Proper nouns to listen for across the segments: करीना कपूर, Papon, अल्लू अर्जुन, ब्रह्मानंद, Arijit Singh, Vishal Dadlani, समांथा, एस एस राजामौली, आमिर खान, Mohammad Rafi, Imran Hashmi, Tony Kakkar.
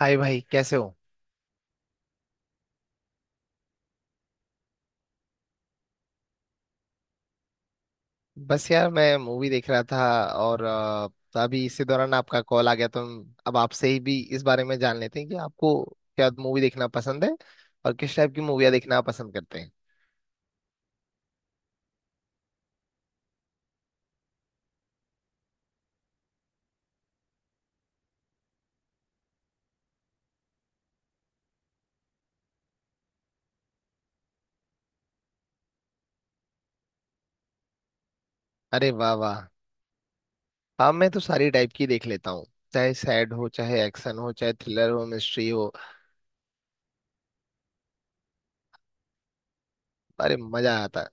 हाय भाई, कैसे हो। बस यार, मैं मूवी देख रहा था और तो अभी इसी दौरान आपका कॉल आ गया, तो अब आपसे ही भी इस बारे में जान लेते हैं कि आपको क्या मूवी देखना पसंद है और किस टाइप की मूवियाँ देखना आप पसंद करते हैं। अरे वाह वाह। हाँ, मैं तो सारी टाइप की देख लेता हूँ, चाहे सैड हो, चाहे एक्शन हो, चाहे थ्रिलर हो, मिस्ट्री हो। अरे मजा आता है।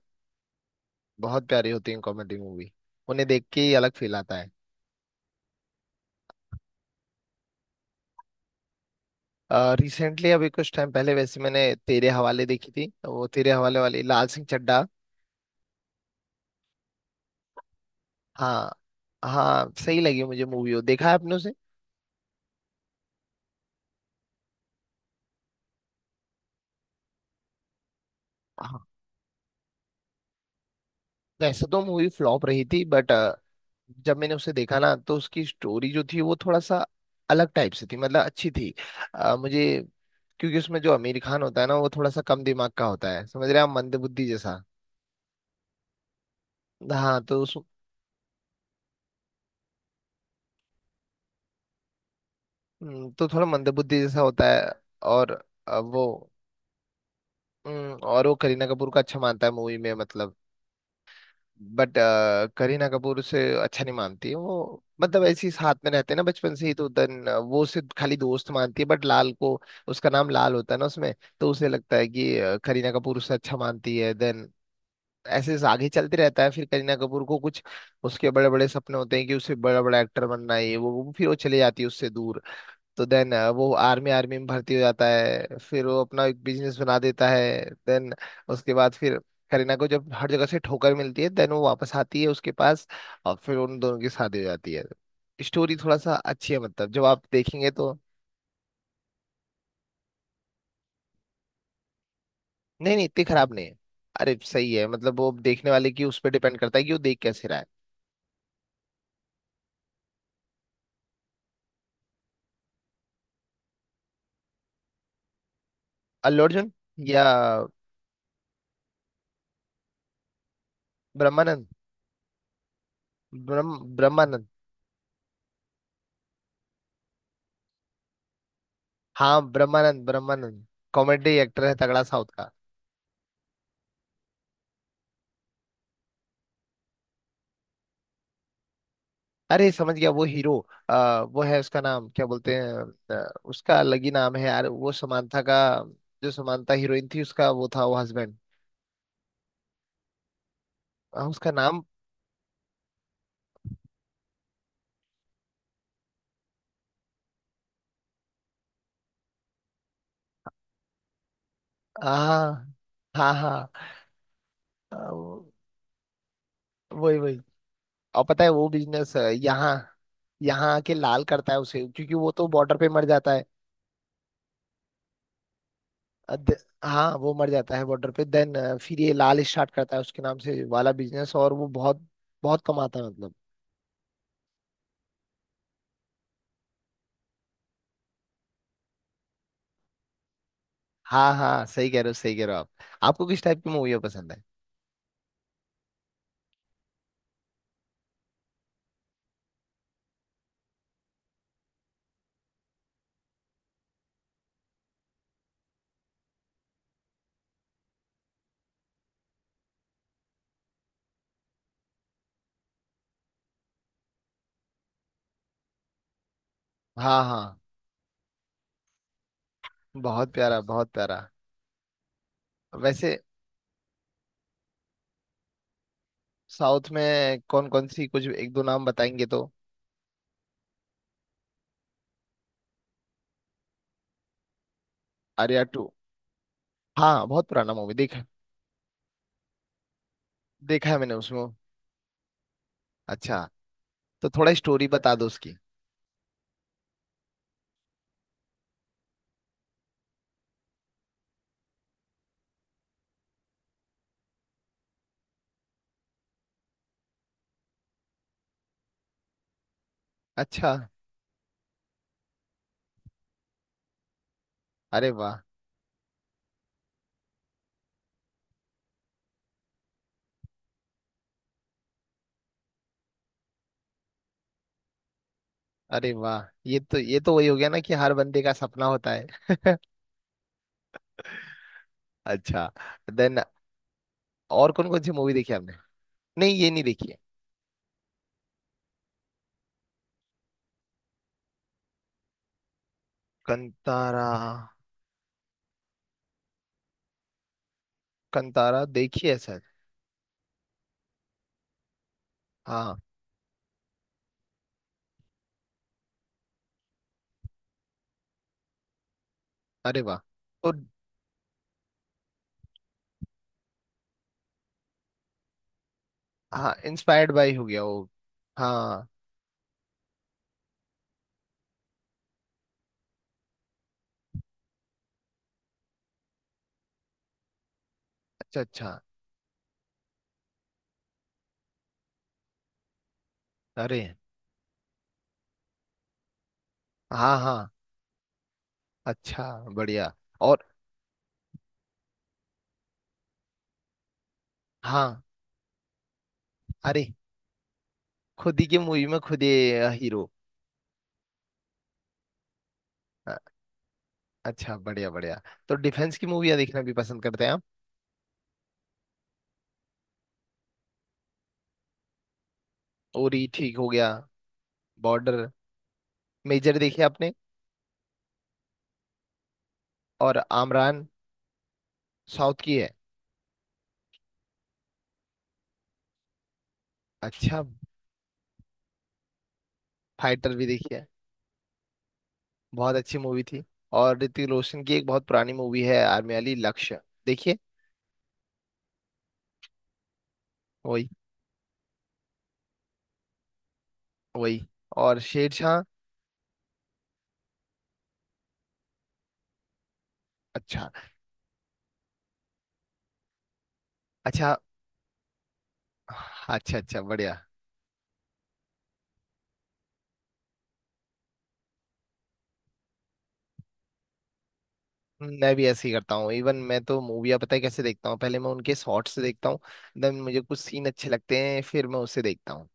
बहुत प्यारी होती है कॉमेडी मूवी। उन्हें देख के ही अलग फील आता है। रिसेंटली अभी कुछ टाइम पहले वैसे मैंने तेरे हवाले देखी थी, तो वो तेरे हवाले वाली, लाल सिंह चड्ढा। हाँ हाँ, सही लगी मुझे मूवी। वो देखा है आपने उसे? हाँ, वैसे तो मूवी फ्लॉप रही थी, बट जब मैंने उसे देखा ना, तो उसकी स्टोरी जो थी वो थोड़ा सा अलग टाइप से थी, मतलब अच्छी थी। मुझे, क्योंकि उसमें जो आमिर खान होता है ना, वो थोड़ा सा कम दिमाग का होता है, समझ रहे हैं आप, मंदबुद्धि जैसा। हाँ, तो उस। तो थोड़ा मंदबुद्धि जैसा होता है और वो। और वो करीना कपूर का अच्छा मानता है मूवी में, मतलब बट करीना कपूर से अच्छा नहीं मानती है वो, मतलब ऐसी साथ में रहते हैं ना बचपन से ही, तो देन वो सिर्फ खाली दोस्त मानती है, बट लाल को। उसका नाम लाल होता है ना उसमें। तो उसे लगता है कि करीना कपूर उससे अच्छा मानती है। देन ऐसे आगे चलते रहता है। फिर करीना कपूर को कुछ, उसके बड़े बड़े सपने होते हैं कि उसे बड़ा बड़ा एक्टर बनना है, ये वो, फिर वो चले जाती है उससे दूर। तो देन वो आर्मी आर्मी में भर्ती हो जाता है, फिर वो अपना एक बिजनेस बना देता है। देन उसके बाद फिर करीना को जब हर जगह से ठोकर मिलती है, देन वो वापस आती है उसके पास, और फिर उन दोनों की शादी हो जाती है। स्टोरी थोड़ा सा अच्छी है, मतलब जब आप देखेंगे तो। नहीं नहीं, इतनी खराब नहीं है। अरे सही है, मतलब वो देखने वाले की उस पर डिपेंड करता है कि वो देख कैसे रहा है। अल्लू अर्जुन या ब्रह्मानंद। ब्रह्मानंद। हाँ, ब्रह्मानंद ब्रह्मानंद, कॉमेडी एक्टर है तगड़ा साउथ का। अरे समझ गया, वो हीरो। वो है, उसका नाम क्या बोलते हैं, उसका अलग ही नाम है यार। वो समांथा का, जो समांथा हीरोइन थी उसका वो था, वो हस्बैंड। उसका नाम। हाँ हाँ हाँ। आ, वो- वही वही। और पता है वो बिजनेस यहाँ, यहाँ आके लाल करता है उसे, क्योंकि वो तो बॉर्डर पे मर जाता है। अ, द- हाँ, वो मर जाता है बॉर्डर पे। देन फिर ये लाल स्टार्ट करता है उसके नाम से वाला बिजनेस, और वो बहुत बहुत कमाता है, मतलब। हाँ हाँ, सही कह रहे हो, सही कह रहे हो आप। आपको किस टाइप की मूवी पसंद है? हाँ हाँ, बहुत प्यारा बहुत प्यारा। वैसे साउथ में कौन कौन सी, कुछ एक दो नाम बताएंगे तो। आर्या टू? हाँ, बहुत पुराना मूवी देखा। देखा है मैंने उसमें। अच्छा, तो थोड़ा स्टोरी बता दो उसकी। अच्छा। अरे वाह। अरे वाह, ये तो वही हो गया ना कि हर बंदे का सपना होता है। अच्छा। देन और कौन कौन सी मूवी देखी आपने? नहीं, ये नहीं देखी है। कंतारा? कंतारा देखी है सर। हाँ। अरे वाह। तो हाँ, इंस्पायर्ड बाय हो गया वो। हाँ। अच्छा अच्छा। अरे हाँ हाँ। अच्छा, बढ़िया। और हाँ। अरे, खुद ही की मूवी में खुद ही हीरो। अ, अच्छा, बढ़िया बढ़िया। तो डिफेंस की मूवियाँ देखना भी पसंद करते हैं आप? उरी ठीक हो गया। बॉर्डर। मेजर देखी आपने? और आमरान, साउथ की है। अच्छा। फाइटर भी देखी है? बहुत अच्छी मूवी थी। और ऋतिक रोशन की एक बहुत पुरानी मूवी है आर्मी वाली, लक्ष्य। देखिए। वही वही। और शेरशाह। अच्छा। अच्छा अच्छा, अच्छा बढ़िया। मैं भी ऐसे ही करता हूँ। इवन मैं तो मूवियाँ पता है कैसे देखता हूँ, पहले मैं उनके शॉर्ट्स से देखता हूँ। देन मुझे कुछ सीन अच्छे लगते हैं, फिर मैं उसे देखता हूँ।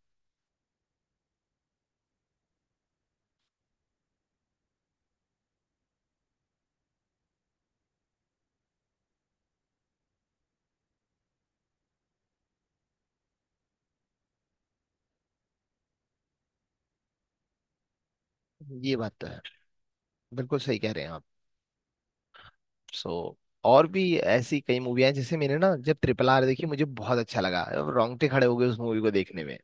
ये बात तो है। बिल्कुल सही कह रहे हैं आप। सो और भी ऐसी कई मूवियाँ हैं, जैसे मैंने ना, जब ट्रिपल आर देखी, मुझे बहुत अच्छा लगा, रोंगटे खड़े हो गए उस मूवी को देखने में।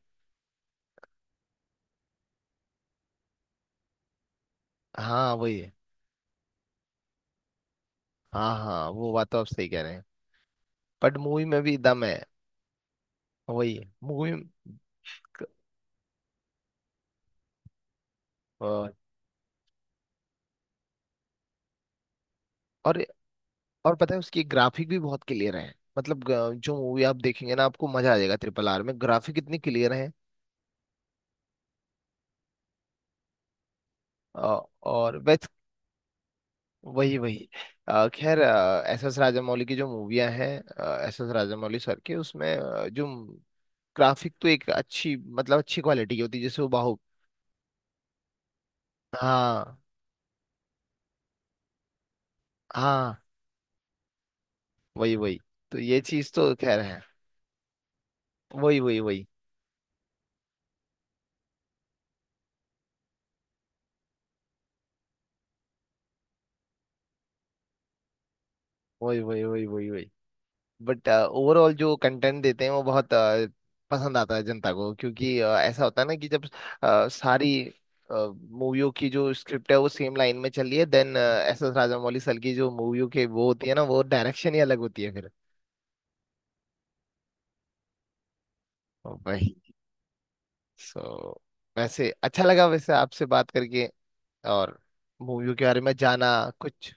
हाँ, वही है। हाँ हाँ, वो बात तो आप सही कह रहे हैं, बट मूवी में भी दम है। वही है मूवी। और और पता है उसकी ग्राफिक भी बहुत क्लियर है, मतलब जो मूवी आप देखेंगे ना आपको मजा आ जाएगा, ट्रिपल आर में ग्राफिक इतने क्लियर है। और वैस वही वही। खैर, एस एस राजामौली की जो मूवियां हैं, एस एस राजामौली सर के उसमें जो ग्राफिक, तो एक अच्छी, मतलब अच्छी क्वालिटी की होती है, जैसे वो बाहु। हाँ हाँ। वही वही। तो ये चीज तो खैर है। वही वही वही वही वही वही वही वही। बट ओवरऑल जो कंटेंट देते हैं वो बहुत पसंद आता है जनता को, क्योंकि ऐसा होता है ना कि जब सारी मूवियों की जो स्क्रिप्ट है वो सेम लाइन में चल रही है, then एस एस राजामौली sir की जो मूवियों के वो होती है ना, वो डायरेक्शन ही अलग होती है फिर। वही। सो वैसे अच्छा लगा वैसे, आपसे बात करके और मूवियों के बारे में जाना कुछ।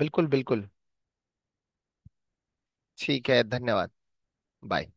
बिल्कुल बिल्कुल। ठीक है, धन्यवाद। बाय।